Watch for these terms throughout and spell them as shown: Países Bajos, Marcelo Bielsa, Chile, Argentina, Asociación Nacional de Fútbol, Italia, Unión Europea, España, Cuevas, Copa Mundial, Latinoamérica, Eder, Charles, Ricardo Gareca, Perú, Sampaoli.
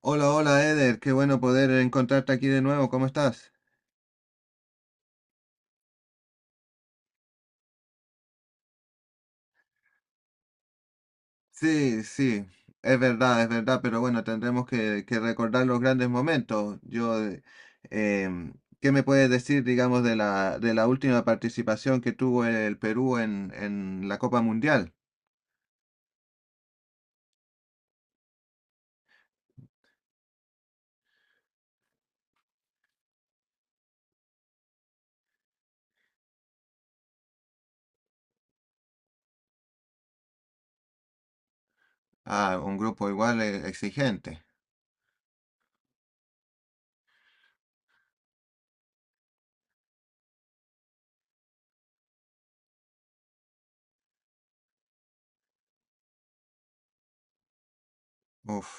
Hola, hola Eder, qué bueno poder encontrarte aquí de nuevo, ¿cómo estás? Sí, sí, es verdad, pero bueno, tendremos que recordar los grandes momentos. Yo, em, ¿qué me puedes decir, digamos, de la última participación que tuvo el Perú en la Copa Mundial? Ah, un grupo igual exigente. Uf.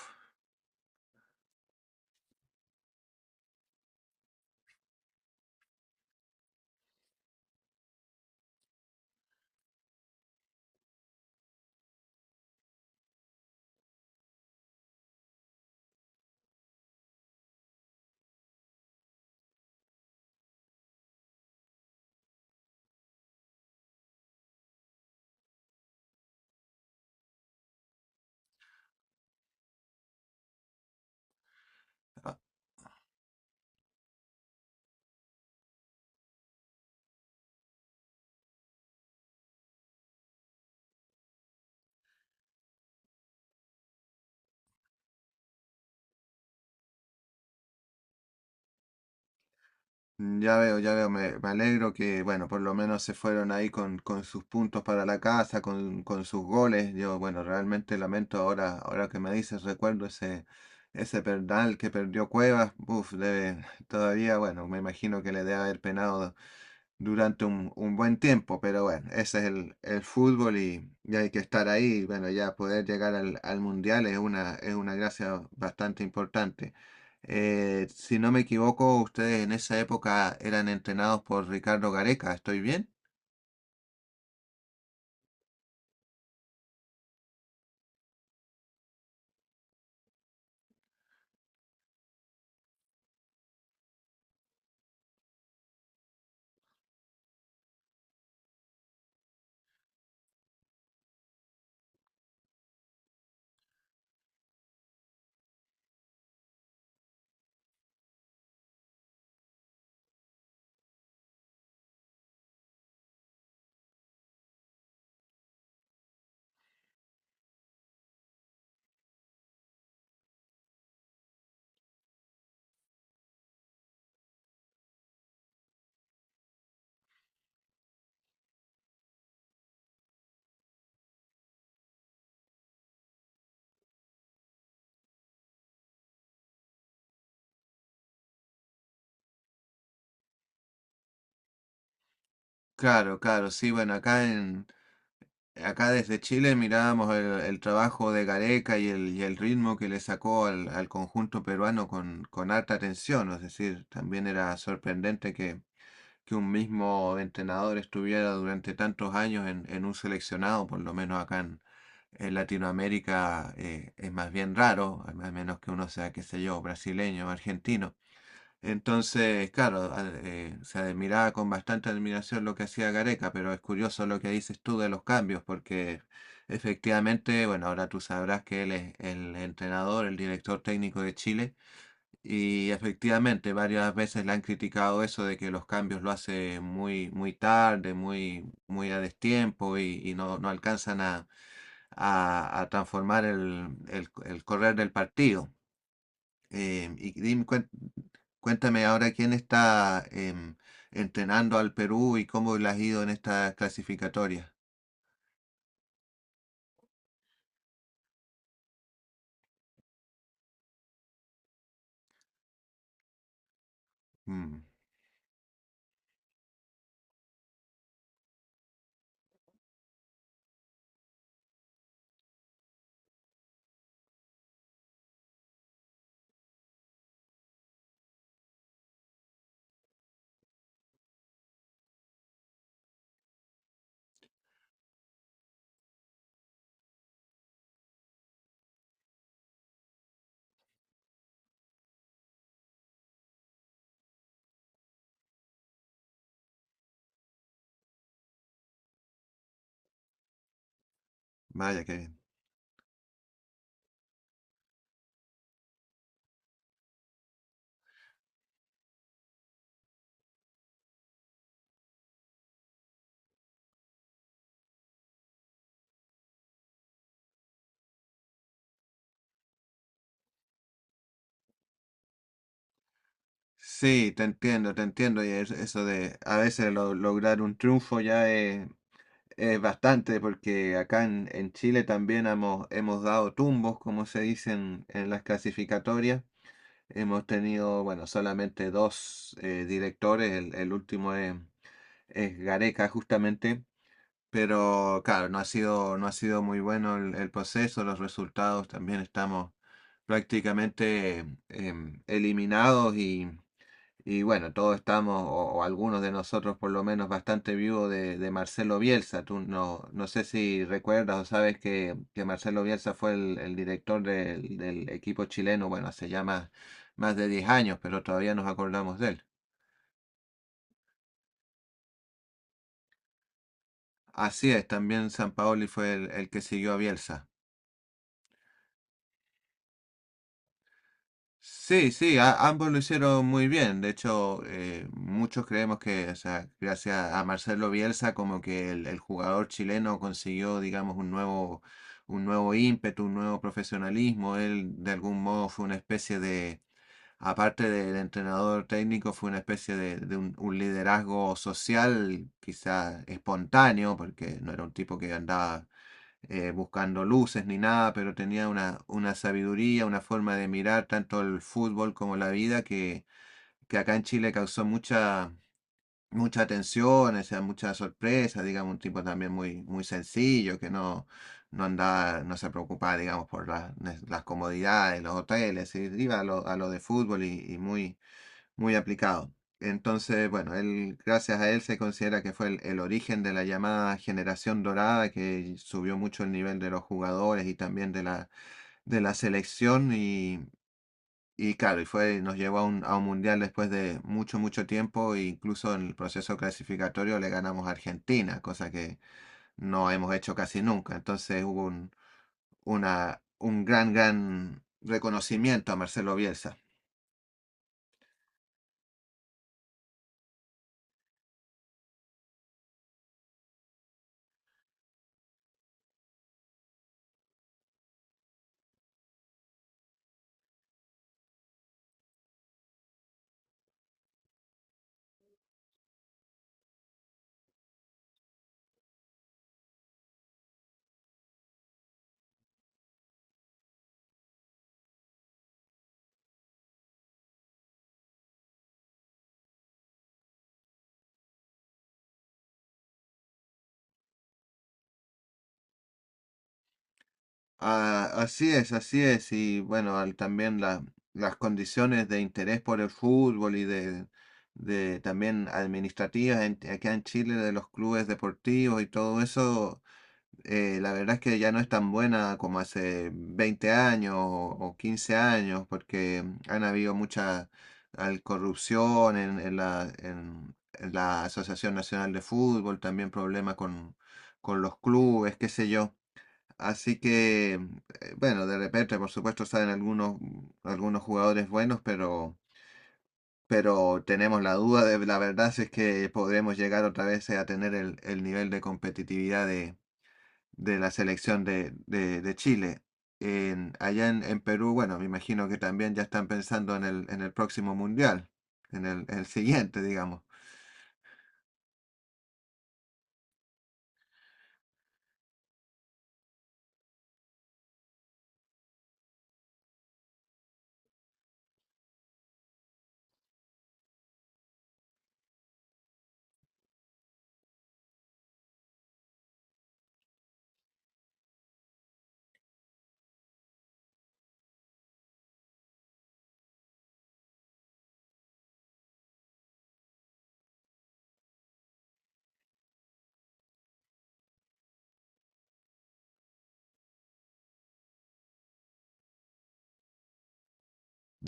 Mm, ya veo, ya veo, me alegro que, bueno, por lo menos se fueron ahí con sus puntos para la casa, con sus goles. Yo, bueno, realmente lamento ahora que me dices, recuerdo ese penal que perdió Cuevas. Uf, debe, todavía, bueno, me imagino que le debe haber penado durante un buen tiempo, pero bueno, ese es el fútbol y hay que estar ahí. Y bueno, ya poder llegar al mundial es una gracia bastante importante. Si no me equivoco, ustedes en esa época eran entrenados por Ricardo Gareca, ¿estoy bien? Claro, claro, sí, bueno, acá desde Chile mirábamos el trabajo de Gareca y el ritmo que le sacó al conjunto peruano con alta atención, es decir, también era sorprendente que un mismo entrenador estuviera durante tantos años en un seleccionado, por lo menos en Latinoamérica es más bien raro, al al menos que uno sea, qué sé yo, brasileño, argentino. Entonces, claro, se admiraba con bastante admiración lo que hacía Gareca, pero es curioso lo que dices tú de los cambios, porque efectivamente, bueno, ahora tú sabrás que él es el entrenador, el director técnico de Chile y efectivamente, varias veces le han criticado eso de que los cambios lo hace muy, muy tarde, muy, muy a destiempo y, no alcanzan a transformar el correr del partido. Y dime, cuéntame ahora quién está entrenando al Perú y cómo le ha ido en esta clasificatoria. Mm, vaya qué bien. Sí, te entiendo, te entiendo. Y eso de a veces lograr un triunfo ya es bastante, porque en Chile también hemos, hemos dado tumbos, como se dicen en las clasificatorias. Hemos tenido, bueno, solamente dos directores, el último es Gareca justamente, pero claro, no ha sido, no ha sido muy bueno el proceso, los resultados también estamos prácticamente eliminados y... Y bueno, todos estamos, o algunos de nosotros por lo menos, bastante vivos de Marcelo Bielsa. Tú no, no sé si recuerdas o sabes que Marcelo Bielsa fue el director del equipo chileno, bueno, hace ya más de 10 años, pero todavía nos acordamos de él. Así es, también Sampaoli fue el que siguió a Bielsa. Sí, sí, ambos lo hicieron muy bien. De hecho, muchos creemos que, o sea, gracias a Marcelo Bielsa, como que el jugador chileno consiguió, digamos, un nuevo ímpetu, un nuevo profesionalismo. Él, de algún modo, fue una especie de, aparte del entrenador técnico, fue una especie de un liderazgo social, quizás espontáneo, porque no era un tipo que andaba buscando luces ni nada, pero tenía una sabiduría, una forma de mirar tanto el fútbol como la vida que acá en Chile causó mucha, mucha atención, o sea, mucha sorpresa, digamos, un tipo también muy, muy sencillo, que no, no andaba, no se preocupaba, digamos, por las comodidades, los hoteles, y iba a a lo de fútbol y muy, muy aplicado. Entonces, bueno, él, gracias a él se considera que fue el origen de la llamada generación dorada, que subió mucho el nivel de los jugadores y también de la selección. Y claro, y fue, nos llevó a un mundial después de mucho, mucho tiempo. E incluso en el proceso clasificatorio le ganamos a Argentina, cosa que no hemos hecho casi nunca. Entonces hubo un gran, gran reconocimiento a Marcelo Bielsa. Ah, así es, así es. Y bueno, las condiciones de interés por el fútbol y de también administrativas acá en Chile de los clubes deportivos y todo eso, la verdad es que ya no es tan buena como hace 20 años o 15 años, porque han habido mucha corrupción en, en la Asociación Nacional de Fútbol, también problemas con los clubes, qué sé yo. Así que, bueno, de repente, por supuesto, saben algunos, mm, algunos jugadores buenos, pero tenemos la duda de la verdad si es que podremos llegar otra vez a tener el nivel de competitividad de, la selección de Chile. Allá en Perú, bueno, me imagino que también ya están pensando en el próximo mundial, en el siguiente, digamos.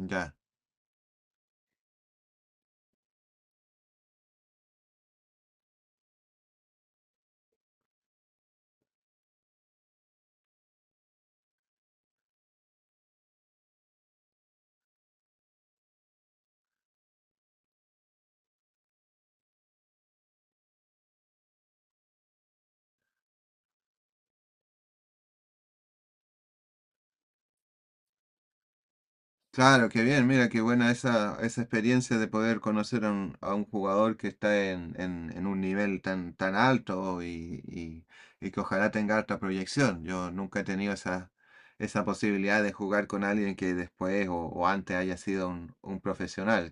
Ya. Claro, qué bien, mira, qué buena esa, esa experiencia de poder conocer a un jugador que está en un nivel tan, tan alto y, y que ojalá tenga alta proyección. Yo nunca he tenido esa posibilidad de jugar con alguien que después o antes haya sido un profesional.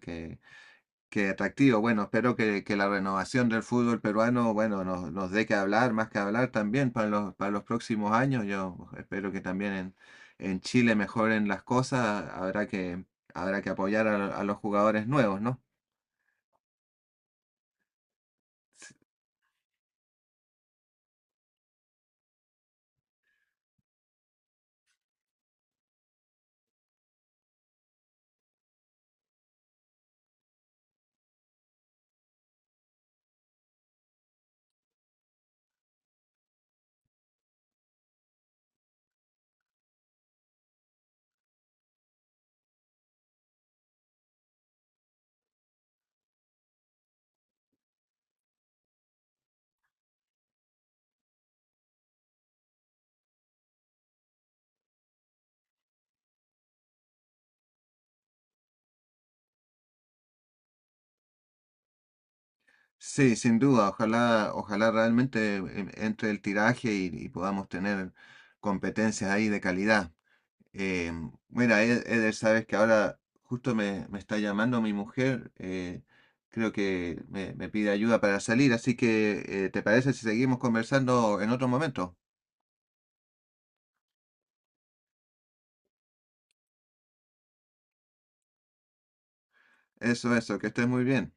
Qué atractivo. Bueno, espero que la renovación del fútbol peruano, bueno, nos, nos dé que hablar, más que hablar también para los próximos años. Yo espero que también en Chile mejoren las cosas. Habrá que apoyar a los jugadores nuevos, ¿no? Sí, sin duda. Ojalá, ojalá realmente entre el tiraje y podamos tener competencias ahí de calidad. Eh, Mira, Eder, sabes que ahora justo me, me está llamando mi mujer, creo que me pide ayuda para salir, así que ¿te parece si seguimos conversando en otro momento? Eso, que estés muy bien.